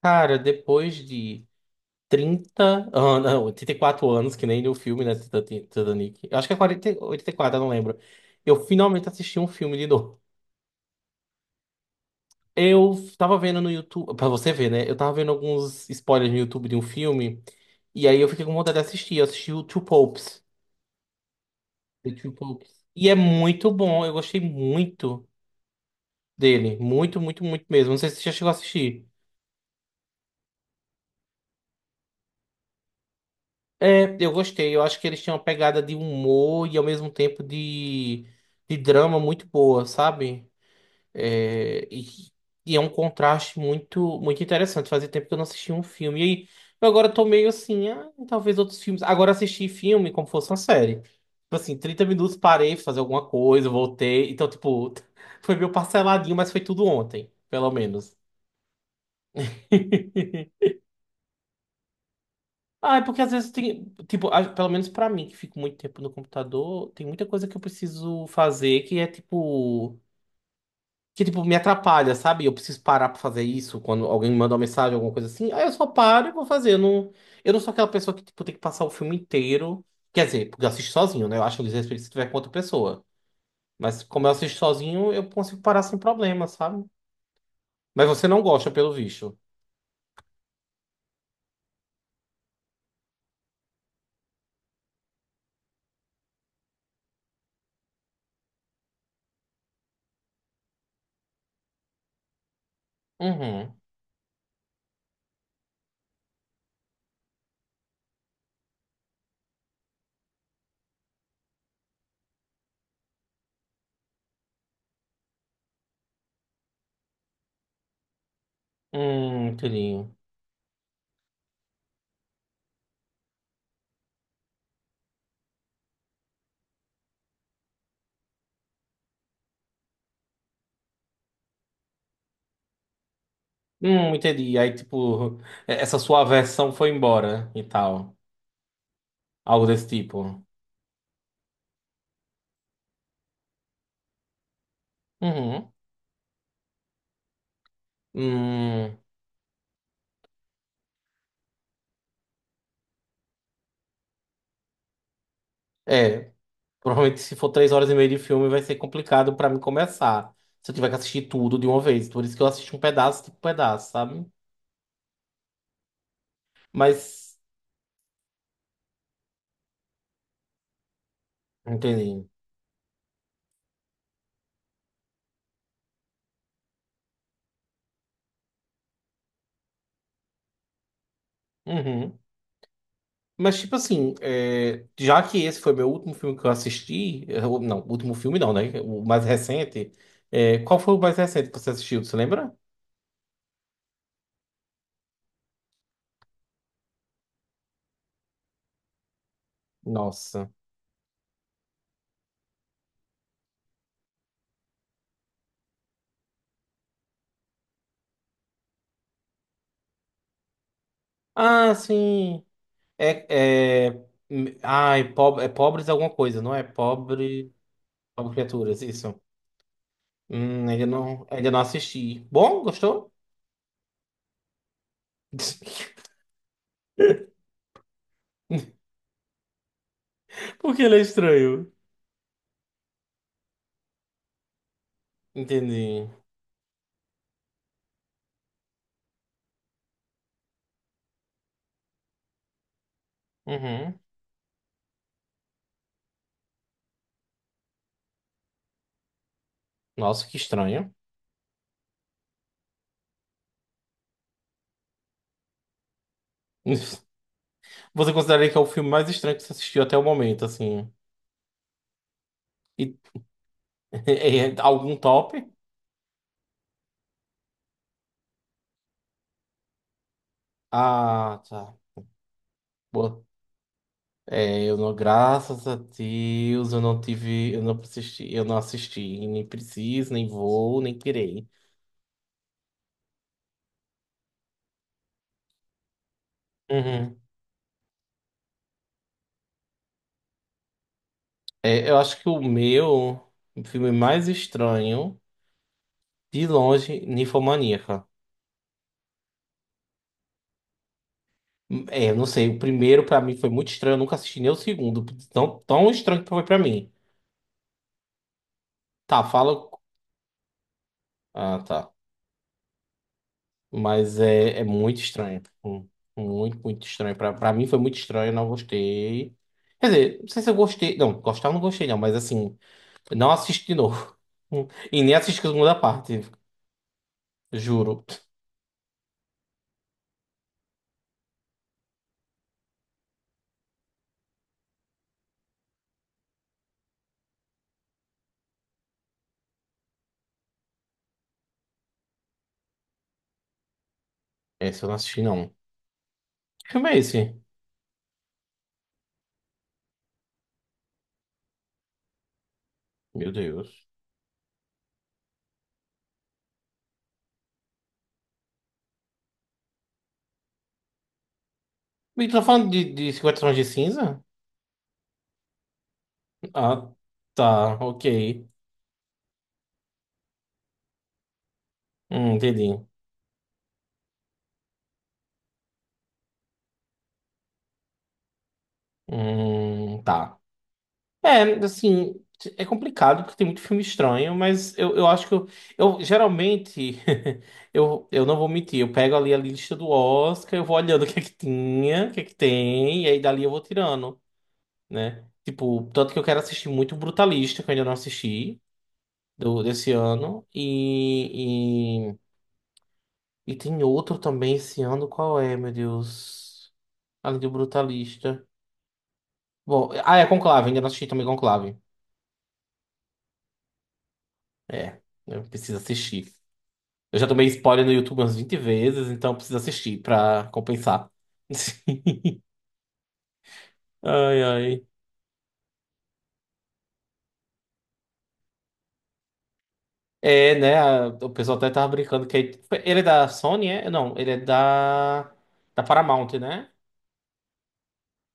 Cara, depois de 30 anos, não, 84 anos, que nem no filme, né, Titanic. Eu acho que é 40, 84, eu não lembro. Eu finalmente assisti um filme de novo. Eu tava vendo no YouTube, pra você ver, né? Eu tava vendo alguns spoilers no YouTube de um filme, e aí eu fiquei com vontade de assistir. Eu assisti o Two Popes. The Two Popes. E é muito bom, eu gostei muito dele. Muito, muito, muito mesmo. Não sei se você já chegou a assistir. É, eu gostei. Eu acho que eles tinham uma pegada de humor e ao mesmo tempo de, drama muito boa, sabe? É, e é um contraste muito muito interessante. Fazia tempo que eu não assistia um filme. E aí, eu agora tô meio assim, ah, talvez outros filmes. Agora assisti filme como fosse uma série. Tipo assim, 30 minutos parei, fui fazer alguma coisa, voltei. Então, tipo, foi meio parceladinho, mas foi tudo ontem, pelo menos. Ah, é porque às vezes tem, tipo, pelo menos pra mim, que fico muito tempo no computador, tem muita coisa que eu preciso fazer que tipo me atrapalha, sabe? Eu preciso parar pra fazer isso quando alguém me manda uma mensagem, alguma coisa assim. Aí eu só paro e vou fazer. Eu não sou aquela pessoa que tipo tem que passar o filme inteiro. Quer dizer, porque eu assisto sozinho, né? Eu acho um desrespeito se tiver com outra pessoa. Mas como eu assisto sozinho, eu consigo parar sem problema, sabe? Mas você não gosta, pelo visto. Uhum. Entendi. Entendi. Aí, tipo, essa sua versão foi embora, né, e tal. Algo desse tipo. Uhum. Hum, é, provavelmente se for 3 horas e meia de filme vai ser complicado pra mim começar. Se eu tiver que assistir tudo de uma vez. Por isso que eu assisto um pedaço, tipo, um pedaço, sabe? Mas, entendi. Uhum. Mas, tipo assim, é, já que esse foi meu último filme que eu assisti, é, não, último filme não, né? O mais recente, é, qual foi o mais recente que você assistiu? Você lembra? Nossa. Ah, sim. É. Ai, pobre, é pobres alguma coisa, não é? Pobre. Pobre criaturas, isso. Ainda não, ainda não assisti. Bom, gostou? Porque ele é estranho. Entendi. Uhum. Nossa, que estranho. Você consideraria que é o filme mais estranho que você assistiu até o momento, assim? E, é algum top? Ah, tá. Boa. É, eu não, graças a Deus, eu não tive, eu não assisti, nem preciso, nem vou, nem querer. Uhum. É, eu acho que o meu filme mais estranho, de longe, Ninfomaníaca. É, eu não sei, o primeiro pra mim foi muito estranho, eu nunca assisti nem o segundo, tão, tão estranho que foi pra mim. Tá, fala. Ah, tá. Mas é muito estranho. Muito, muito estranho. Pra mim foi muito estranho, eu não gostei. Quer dizer, não sei se eu gostei. Não, gostar eu não gostei, não, mas assim, não assisti de novo. E nem assisti a segunda parte, juro. Esse eu não assisti, não. Que filme é esse? Meu Deus. E tu tá falando de, 50 tons de cinza? Ah, tá, ok. Entendi. Tá. É, assim, é complicado porque tem muito filme estranho, mas eu acho que eu geralmente, eu não vou mentir, eu pego ali a lista do Oscar, eu vou olhando o que é que tinha, o que é que tem, e aí dali eu vou tirando, né? Tipo, tanto que eu quero assistir muito Brutalista, que eu ainda não assisti, desse ano. E tem outro também esse ano, qual é, meu Deus? Além do Brutalista. Bom, ah, é Conclave, ainda não assisti também Conclave. É, eu preciso assistir. Eu já tomei spoiler no YouTube umas 20 vezes, então eu preciso assistir pra compensar. Ai, ai. É, né? O pessoal até tava brincando que ele é da Sony, é? Não, ele é da Paramount, né?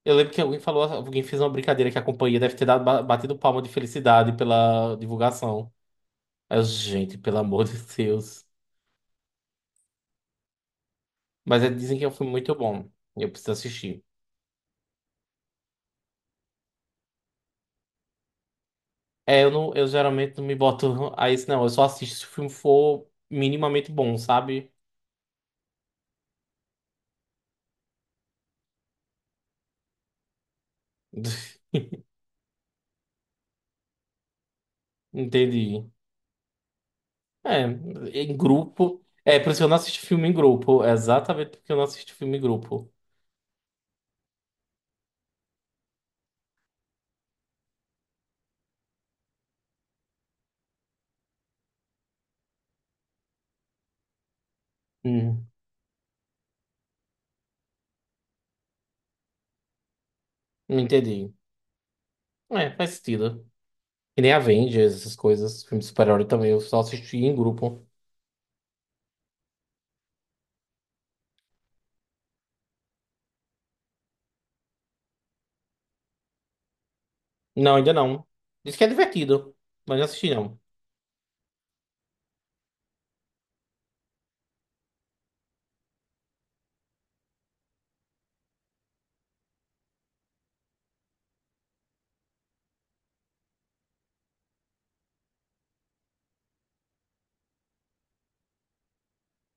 Eu lembro que alguém falou, alguém fez uma brincadeira que a companhia deve ter dado, batido palma de felicidade pela divulgação. Aí eu, gente, pelo amor de Deus. Mas eles dizem que é um filme muito bom e eu preciso assistir. É, eu não, eu geralmente não me boto a isso, não. Eu só assisto se o filme for minimamente bom, sabe? Entendi. É, em grupo. É, por isso que eu não assisto filme em grupo. É exatamente porque eu não assisto filme em grupo. Hum, entendi. É, faz sentido. Que nem Avengers, essas coisas, filme de super-herói também, eu só assisti em grupo. Não, ainda não. Diz que é divertido, mas não assisti, não.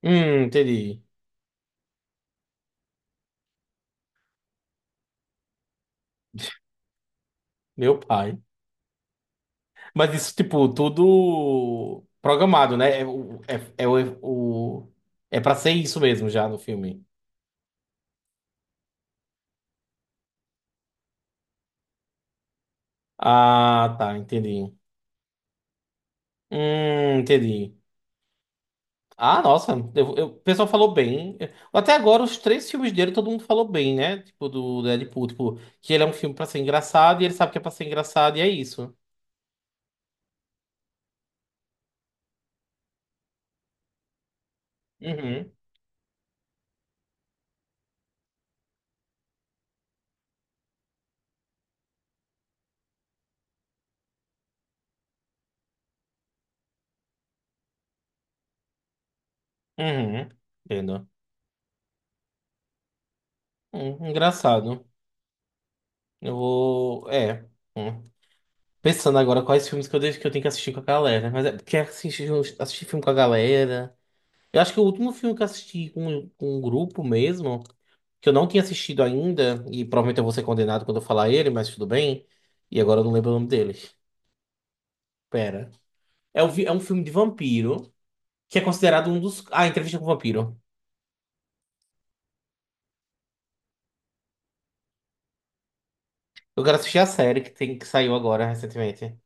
Entendi. Meu pai. Mas isso, tipo, tudo programado, né? É, é, o- é pra ser isso mesmo já no filme. Ah, tá, entendi. Entendi. Ah, nossa, o pessoal falou bem. Até agora, os três filmes dele, todo mundo falou bem, né? Tipo, do Deadpool, tipo, que ele é um filme pra ser engraçado e ele sabe que é pra ser engraçado e é isso. Uhum, uhum, entendo. Engraçado. Eu vou. É. Hum. Pensando agora quais filmes que deixo, que eu tenho que assistir com a galera. Mas é porque assistir, assistir filme com a galera. Eu acho que o último filme que eu assisti com, um grupo mesmo, que eu não tinha assistido ainda, e provavelmente eu vou ser condenado quando eu falar ele, mas tudo bem. E agora eu não lembro o nome dele. Pera. É um filme de vampiro, que é considerado um dos. Ah, Entrevista com o Vampiro. Eu quero assistir a série que, que saiu agora recentemente.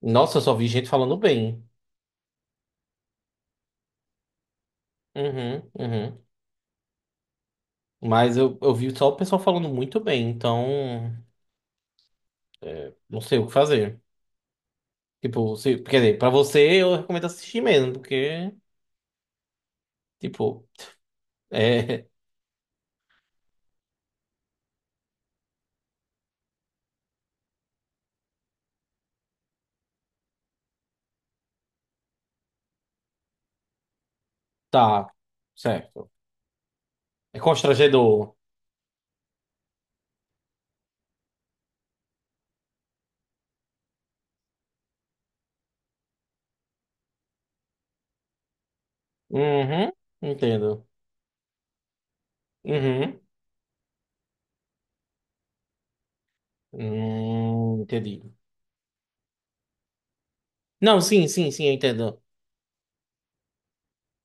Nossa, eu só vi gente falando bem. Uhum, uhum. Mas eu vi só o pessoal falando muito bem, então não sei o que fazer. Tipo, se, quer dizer, pra você eu recomendo assistir mesmo, porque, tipo, é. Tá, certo. É constrangedor. Uhum, entendo. Uhum. Entendi. Não, sim, sim, sim, eu entendo.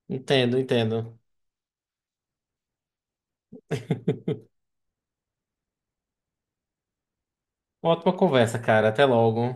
Entendo, entendo. Ótima conversa, cara. Até logo.